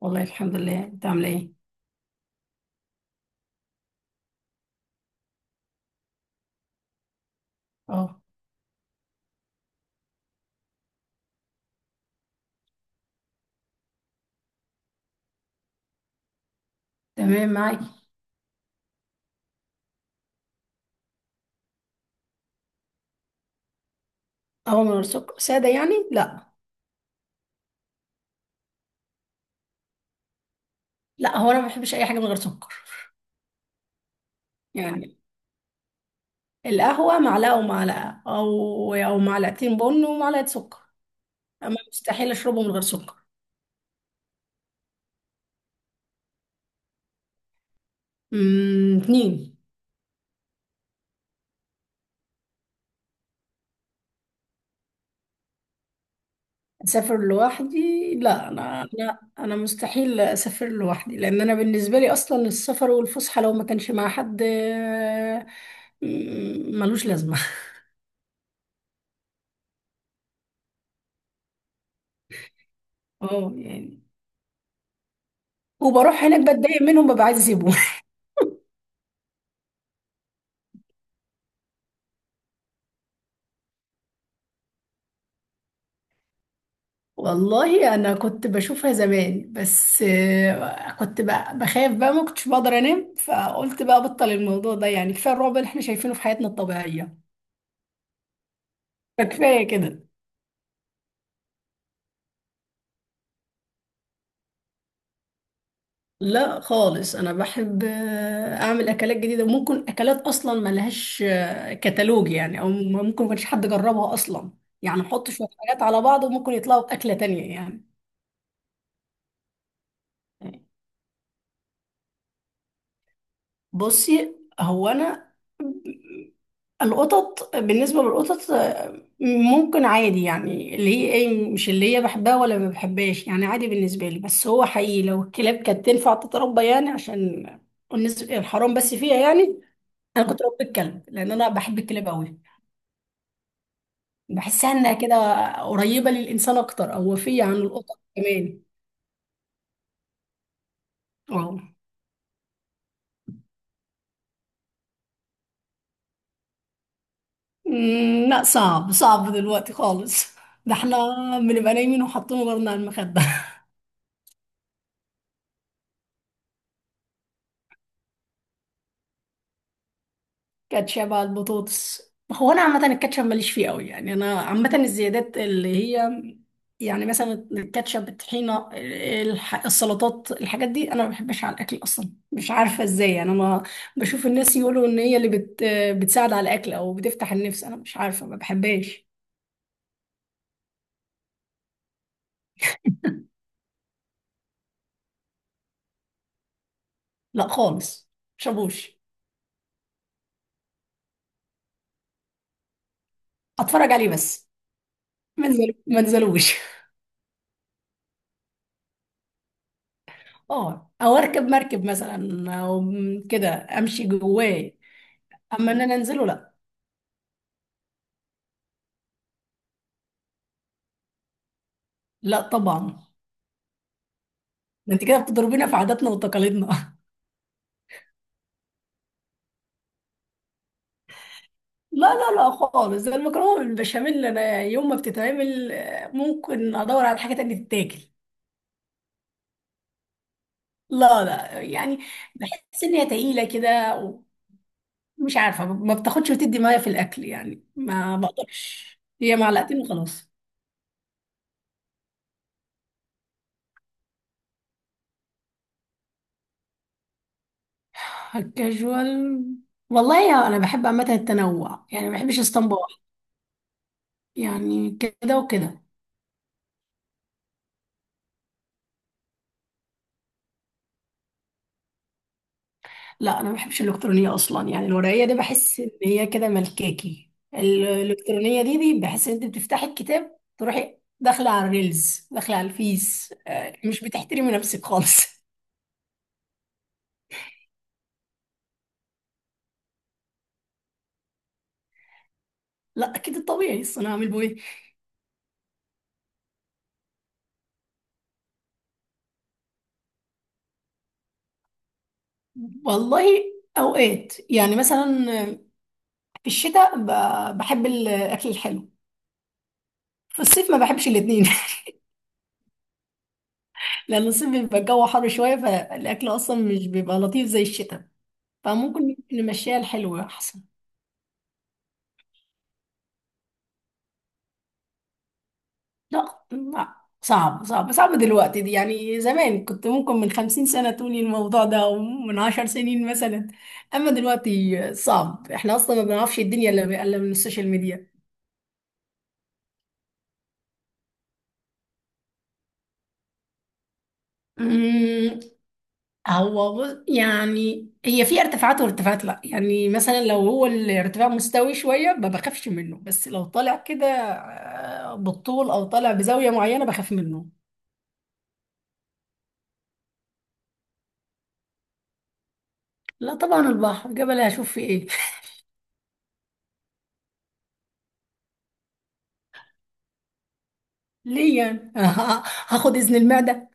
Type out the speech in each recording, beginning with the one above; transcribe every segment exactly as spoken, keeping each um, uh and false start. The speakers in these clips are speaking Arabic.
والله الحمد لله. انت عامله ايه؟ اه، تمام معاكي. قهوه من غير سكر ساده يعني؟ لا، لا هو انا ما بحبش اي حاجه من غير سكر. يعني القهوه معلقه ومعلقه او او معلقتين بن ومعلقه سكر. اما مستحيل اشربه من غير سكر. امم، اتنين. اسافر لوحدي؟ لا، انا انا انا مستحيل اسافر لوحدي لان انا بالنسبه لي اصلا السفر والفسحه لو ما كانش مع حد آه، ملوش لازمه. اه، يعني وبروح هناك بتضايق منهم ببقى عايزه اسيبهم. والله انا كنت بشوفها زمان بس آه، كنت بقى بخاف بقى ما كنتش بقدر انام، فقلت بقى بطل الموضوع ده. يعني كفايه الرعب اللي احنا شايفينه في حياتنا الطبيعيه، فكفايه كده. لا خالص، انا بحب آه، اعمل اكلات جديده، وممكن اكلات اصلا ما لهاش آه، كتالوج يعني، او ممكن ما كانش حد جربها اصلا. يعني احط شويه حاجات على بعض وممكن يطلعوا باكله تانية يعني. بصي، هو انا القطط، بالنسبة للقطط آه، ممكن عادي يعني، اللي هي ايه، مش اللي هي بحبها ولا ما بحبهاش، يعني عادي بالنسبة لي. بس هو حقيقي لو الكلاب كانت تنفع تتربى، يعني عشان النس- الحرام بس فيها يعني. انا كنت ربيت كلب لان انا بحب الكلاب قوي. بحسها انها كده قريبة للانسان اكتر، او وفية عن القطط كمان. اه، أمم، لا صعب، صعب دلوقتي خالص. ده احنا بنبقى نايمين وحاطين غيرنا على المخدة. كاتشب على البطاطس؟ هو انا عامه الكاتشب ماليش فيه قوي يعني. انا عامه الزيادات اللي هي، يعني مثلا الكاتشب، الطحينه، الح- السلطات، الحاجات دي انا ما بحبش على الاكل اصلا. مش عارفه ازاي يعني، انا ما بشوف الناس يقولوا ان هي اللي بت بتساعد على الاكل او بتفتح النفس. انا مش عارفه، ما بحبهاش. لا خالص، مشابوش. اتفرج عليه بس. ما انزل- ما انزلوش. اه، او اركب مركب مثلا او كده، امشي جواه. اما ان انا انزله، لا. لا طبعا. ده انت كده بتضربينا في عاداتنا وتقاليدنا. لا لا لا خالص، ده المكرونه بالبشاميل انا يوم ما بتتعمل آه، ممكن ادور على حاجه تانية تتاكل. لا لا يعني، بحس ان هي تقيله كده، ومش عارفه ما بتاخدش وتدي معايا في الاكل يعني. ما بقدرش، هي معلقتين وخلاص. كاجوال؟ والله يا انا بحب عامه التنوع، يعني ما بحبش اسطمبه واحده. يعني كده وكده. لا انا ما بحبش الالكترونيه اصلا. يعني الورقيه دي بحس ان هي كده ملكاكي، الالكترونيه دي دي بحس ان انت بتفتحي الكتاب تروحي داخله على الريلز، داخله على الفيس، آه، مش بتحترمي نفسك خالص. لا اكيد الطبيعي، اصل انا هعمل بيه. والله اوقات يعني مثلا في الشتاء ب- بحب الاكل الحلو، في الصيف ما بحبش الاتنين. لان الصيف بيبقى الجو حر شويه، فالاكل اصلا مش بيبقى لطيف زي الشتاء. فممكن نمشيها الحلو احسن. لا، لا صعب صعب صعب دلوقتي دي يعني. زمان كنت ممكن من خمسين سنة تقولي الموضوع ده، أو من عشر سنين مثلا. أما دلوقتي صعب، احنا أصلا ما بنعرفش الدنيا إلا إلا من السوشيال ميديا. أمم، هو بص- يعني هي في ارتفاعات وارتفاعات. لا يعني مثلا لو هو الارتفاع مستوي شوية ما بخافش منه، بس لو طالع كده آه، بالطول أو طالع بزاوية معينة بخاف منه. لا طبعا البحر، جبل هشوف فيه ايه؟ ليه يعني؟ هاخد إذن المعدة.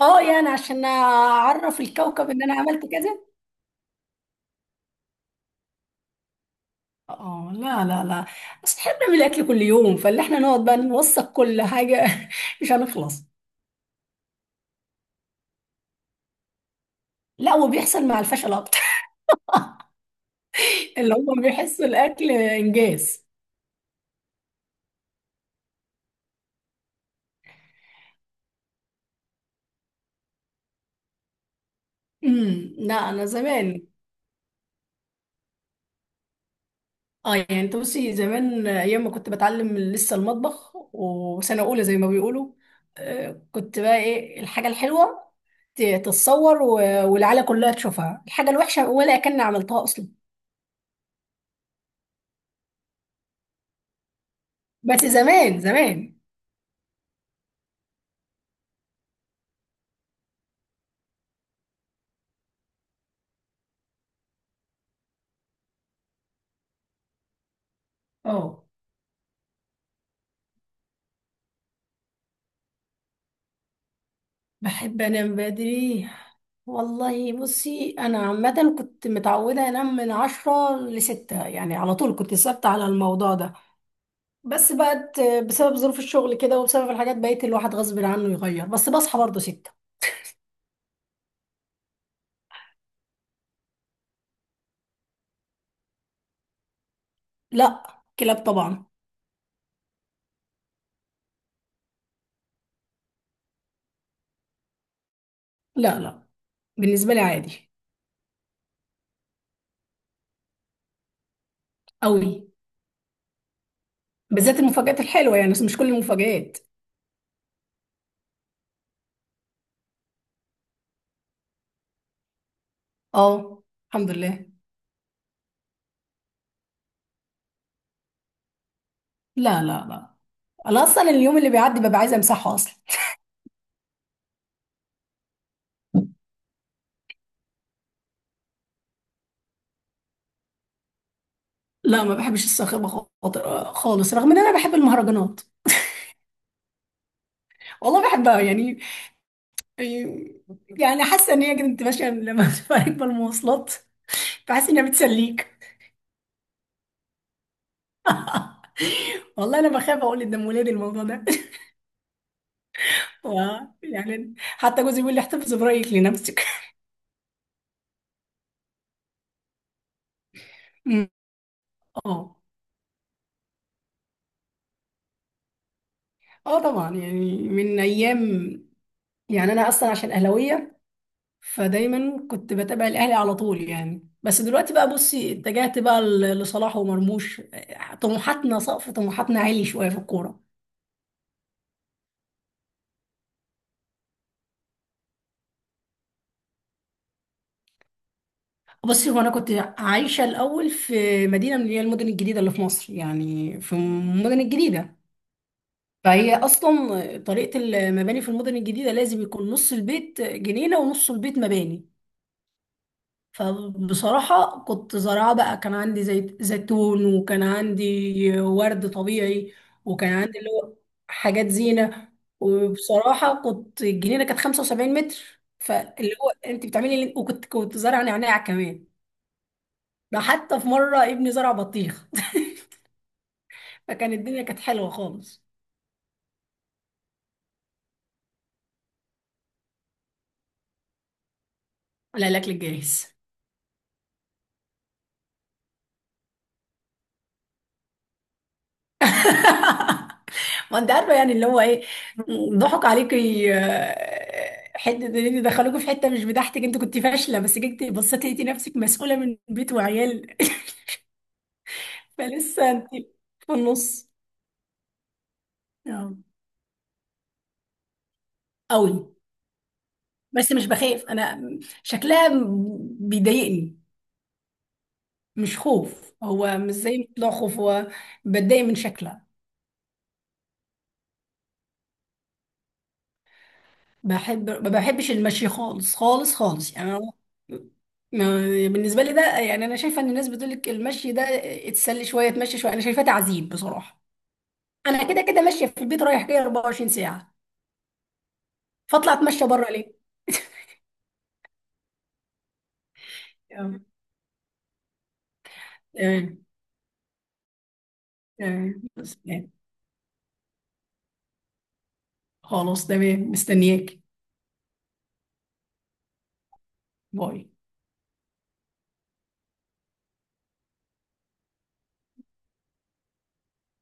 اه يعني عشان اعرف الكوكب ان انا عملت كذا. اه، لا لا لا بس احنا بنعمل اكل كل يوم، فاللي احنا نقعد بقى نوثق كل حاجه مش هنخلص. لا، وبيحصل مع الفشل اكتر. اللي هم بيحسوا الاكل انجاز. امم، لا انا زمان. اه يعني انت بصي، زمان ايام ما كنت بتعلم لسه المطبخ وسنه اولى زي ما بيقولوا، آه، كنت بقى ايه؟ الحاجه الحلوه ت- تتصور و- والعيله كلها تشوفها، الحاجه الوحشه ولا كان عملتها اصلا. بس زمان زمان. اه بحب انام بدري. والله بصي انا عامه كنت متعوده انام من عشرة لستة، يعني على طول كنت ثابته على الموضوع ده. بس بقت، بسبب ظروف الشغل كده وبسبب الحاجات بقيت الواحد غصب عنه يغير، بس بصحى برضه ستة. لا، كلاب طبعا. لا لا، بالنسبه لي عادي. قوي، بالذات المفاجآت الحلوه يعني، بس مش كل المفاجآت. اه الحمد لله. لا لا لا انا اصلا اليوم اللي بيعدي ببقى عايزه امسحه اصلا. لا، ما بحبش الصاخبة خاطر- خالص، رغم ان انا بحب المهرجانات. والله بحبها يعني. يعني حاسة ان هي كانت ماشية لما تبقى راكبة المواصلات، بحس انها بتسليك. والله انا بخاف اقول قدام ولادي الموضوع ده. و، يعني حتى جوزي بيقول لي احتفظ برايك لنفسك. اه، اه طبعا، يعني من ايام. يعني انا اصلا عشان اهلاويه، فدايما كنت بتابع الاهلي على طول يعني، بس دلوقتي بقى بصي اتجهت بقى ل- لصلاح ومرموش. طموحاتنا، سقف طموحاتنا عالي شويه في الكوره. بصي، هو انا كنت عايشه الاول في مدينه من اللي هي المدن الجديده اللي في مصر. يعني في المدن الجديده، فهي اصلا طريقه المباني في المدن الجديده لازم يكون نص البيت جنينه ونص البيت مباني. فبصراحة كنت زراعة بقى، كان عندي زي زيتون، وكان عندي ورد طبيعي، وكان عندي اللي هو حاجات زينة. وبصراحة كنت، الجنينة كانت خمسة وسبعين متر، فاللي هو انت بتعملي اللي... وكنت كنت زارعة نعناع كمان. ده حتى في مرة ابني زرع بطيخ. فكان الدنيا كانت حلوة خالص. على الأكل الجاهز. ما انت عارفه، يعني اللي هو ايه، ضحك عليكي، آه، حته ان انت دخلوكي في حته مش بتاعتك، انت كنت فاشله، بس جيتي بصيتي لقيتي نفسك مسؤوله من بيت وعيال. فلسه انت في النص. اه قوي، بس مش بخاف انا، شكلها بيضايقني. مش خوف، هو مش زي بتوع خوف، هو بتضايق من شكلها. بحب، ما بحبش المشي خالص خالص خالص. يعني أنا ما- بالنسبة لي ده يعني. أنا شايفة إن الناس بتقولك المشي ده اتسلي شوية، تمشي شوية، أنا شايفاه تعذيب بصراحة. أنا كده كده ماشية في البيت رايح جاي اربعة وعشرين ساعة، فأطلع أتمشى بره ليه؟ تمام، تمام تمام. بس يعني، خلاص تمام، مستنياك. باي.